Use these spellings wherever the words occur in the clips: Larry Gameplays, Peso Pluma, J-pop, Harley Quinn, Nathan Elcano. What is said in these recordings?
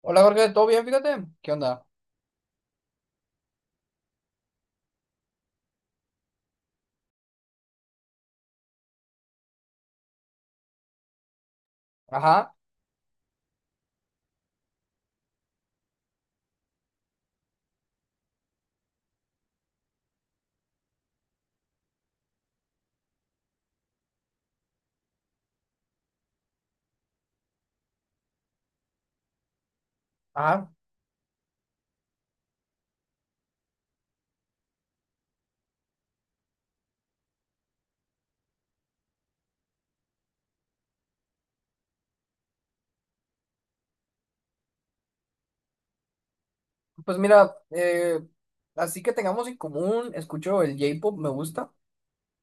Hola Jorge, ¿todo bien? Fíjate. ¿Qué onda? Ajá, ajá. Pues mira, así que tengamos en común, escucho el J-pop, me gusta,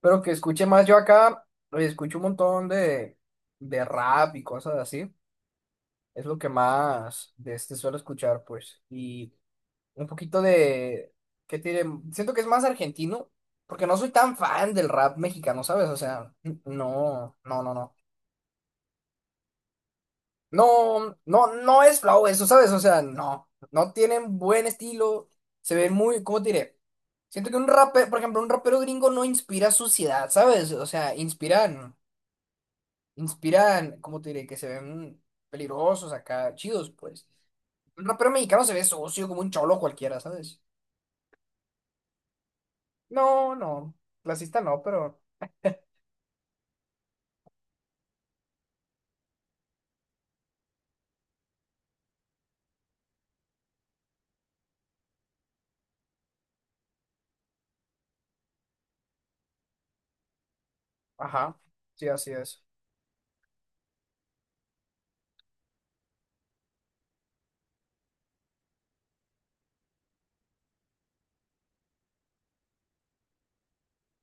pero que escuche más yo acá, escucho un montón de rap y cosas así. Es lo que más de este suelo escuchar, pues. Y un poquito de, ¿qué tiene? Siento que es más argentino, porque no soy tan fan del rap mexicano, ¿sabes? O sea, no, no, no, no. No, no, no es flow eso, ¿sabes? O sea, no, no tienen buen estilo, se ven muy, ¿cómo te diré? Siento que un rapero, por ejemplo, un rapero gringo no inspira suciedad, ¿sabes? O sea, inspiran, inspiran, ¿cómo te diré? Que se ven peligrosos acá, chidos, pues. Un rapero mexicano se ve socio como un cholo cualquiera, ¿sabes? No, no, clasista no, pero, ajá, sí, así es.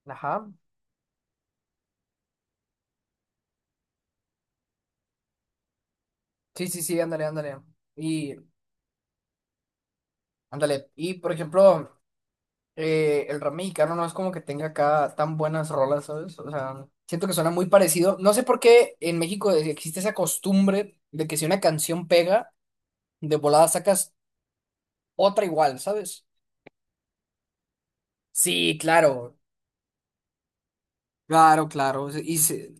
Ajá, sí, sí, sí, ándale, ándale. Y, ándale, y por ejemplo... el rap mexicano no es como que tenga acá tan buenas rolas, ¿sabes? O sea, siento que suena muy parecido. No sé por qué en México existe esa costumbre de que si una canción pega, de volada sacas otra igual, ¿sabes? Sí, claro, claro, claro.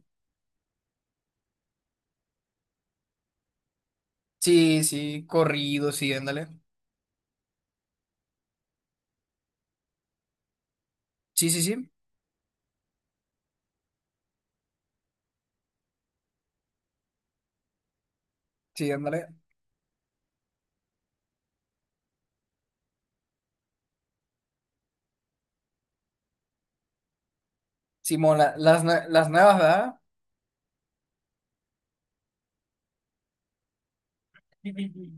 Sí, sí, corrido, sí, ándale. Sí, sí, sí, sí, ándale. Simón, las nuevas, ¿verdad?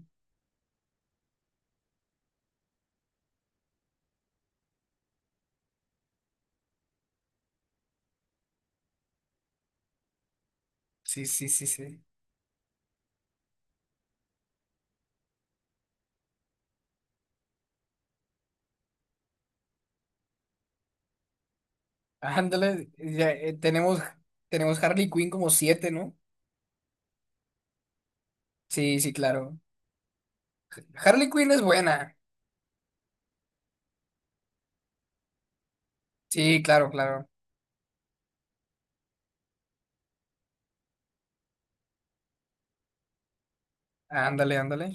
Sí, sí, sí, sí. Ándale, ya, tenemos, tenemos Harley Quinn como siete, ¿no? Sí, sí, claro. Harley Quinn es buena. Sí, claro, claro. Ándale, ándale.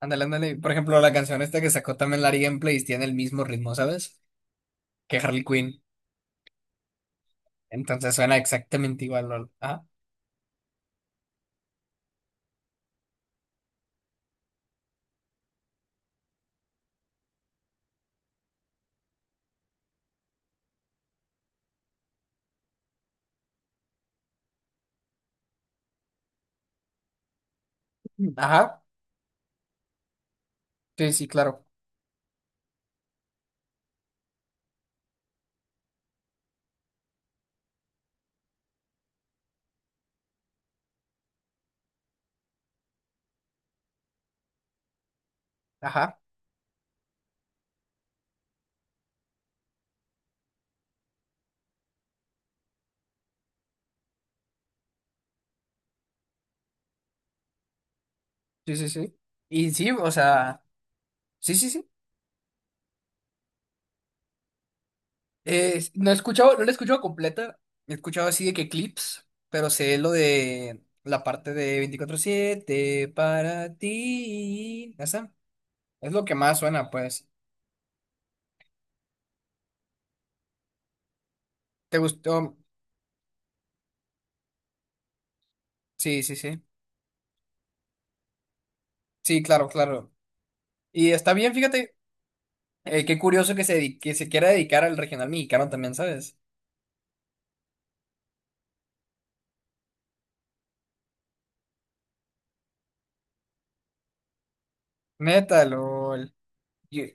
Ándale, ándale. Por ejemplo, la canción esta que sacó también Larry Gameplays tiene el mismo ritmo, ¿sabes? Que Harley Quinn. Entonces suena exactamente igual, lol. Ajá. Ajá. Sí, sí, claro. Ajá. Sí, sí, sí. Y sí, o sea, sí, sí, sí. No la he escuchado completa. He escuchado así de que clips, pero sé lo de la parte de 24/7 para ti. Esa es lo que más suena, pues. ¿Te gustó? Sí, sí, sí. Sí, claro, claro. Y está bien, fíjate, qué curioso que se quiera dedicar al regional mexicano también, ¿sabes? Neta, lol. Yo-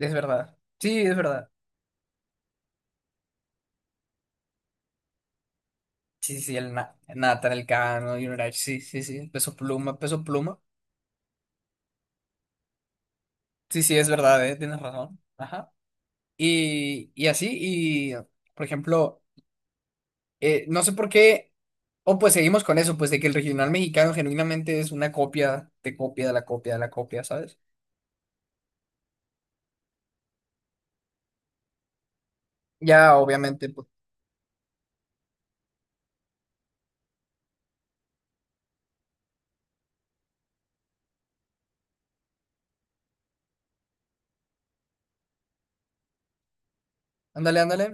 Es verdad. Sí, es verdad. Sí, sí, sí, el Nathan Elcano, Junior sí, sí, sí. Peso Pluma, Peso Pluma. Sí, sí, es verdad, tienes razón. Ajá. Y así, y por ejemplo, no sé por qué, o pues seguimos con eso, pues de que el regional mexicano genuinamente es una copia de la copia de la copia, ¿sabes? Ya, obviamente, pues, ándale, ándale,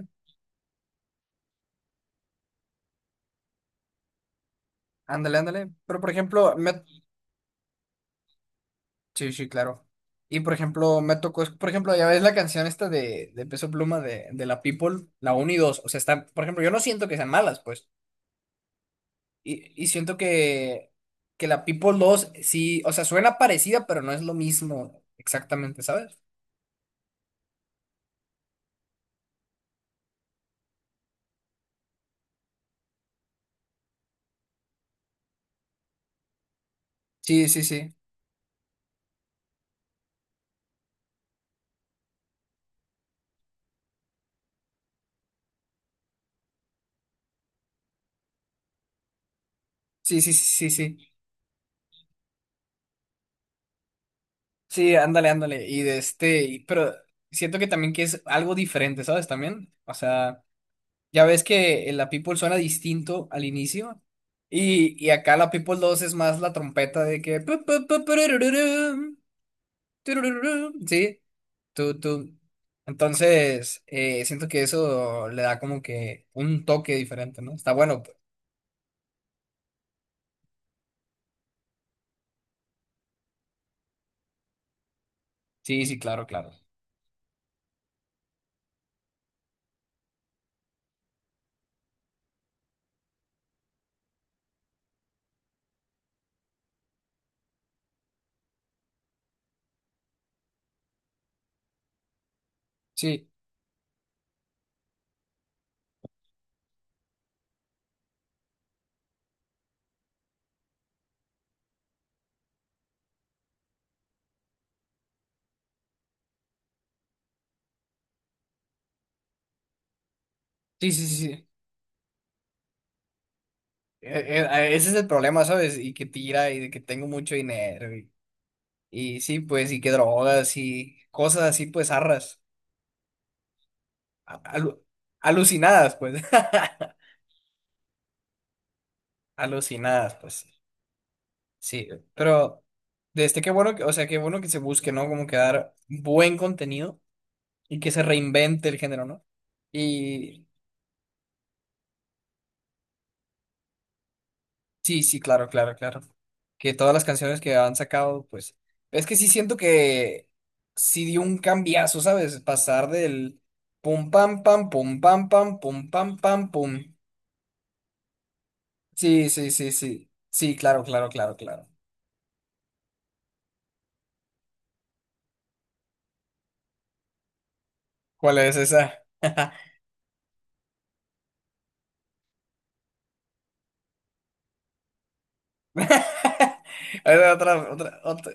ándale, ándale. Pero por ejemplo, sí, sí, claro. Y por ejemplo, me tocó, por ejemplo, ya ves la canción esta de Peso Pluma de la People, la uno y dos. O sea, está, por ejemplo, yo no siento que sean malas, pues. Y siento que la People 2 sí, o sea, suena parecida, pero no es lo mismo exactamente, ¿sabes? Sí, sí, sí. Sí, sí, sí, sí, sí. Sí, ándale, ándale. Y de este, pero siento que también que es algo diferente, ¿sabes? También. O sea. Ya ves que la People suena distinto al inicio. Y acá la People 2 es más la trompeta de que. Pu, pu, pu, purururum, turururum, sí. Tú, tú. Entonces, siento que eso le da como que un toque diferente, ¿no? Está bueno, pues. Sí, sí, claro, claro. Sí, sí, sí, sí, sí. Ese es el problema, ¿sabes? Y que tira y de que tengo mucho dinero. Y sí, pues, y que drogas y cosas así, pues, arras. Alu- alucinadas, pues. Alucinadas, pues. Sí, pero desde qué bueno que, o sea, qué bueno que se busque, ¿no? Como que dar buen contenido y que se reinvente el género, ¿no? Y sí, sí, claro, claro, claro. Que todas las canciones que han sacado, pues. Es que sí siento que sí dio un cambiazo, ¿sabes? Pasar del pum pam pam, pum pam pam, pum pam pam, pum. Sí, sí, sí, sí. Sí, claro, claro, claro, claro. ¿Cuál es esa? Hay otra, otra, otra.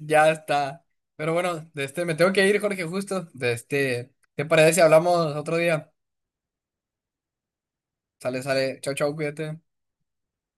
Ya está. Pero bueno, de este, me tengo que ir, Jorge, justo. De este, ¿te parece si hablamos otro día? Sale, sale. Chao, chao, cuídate.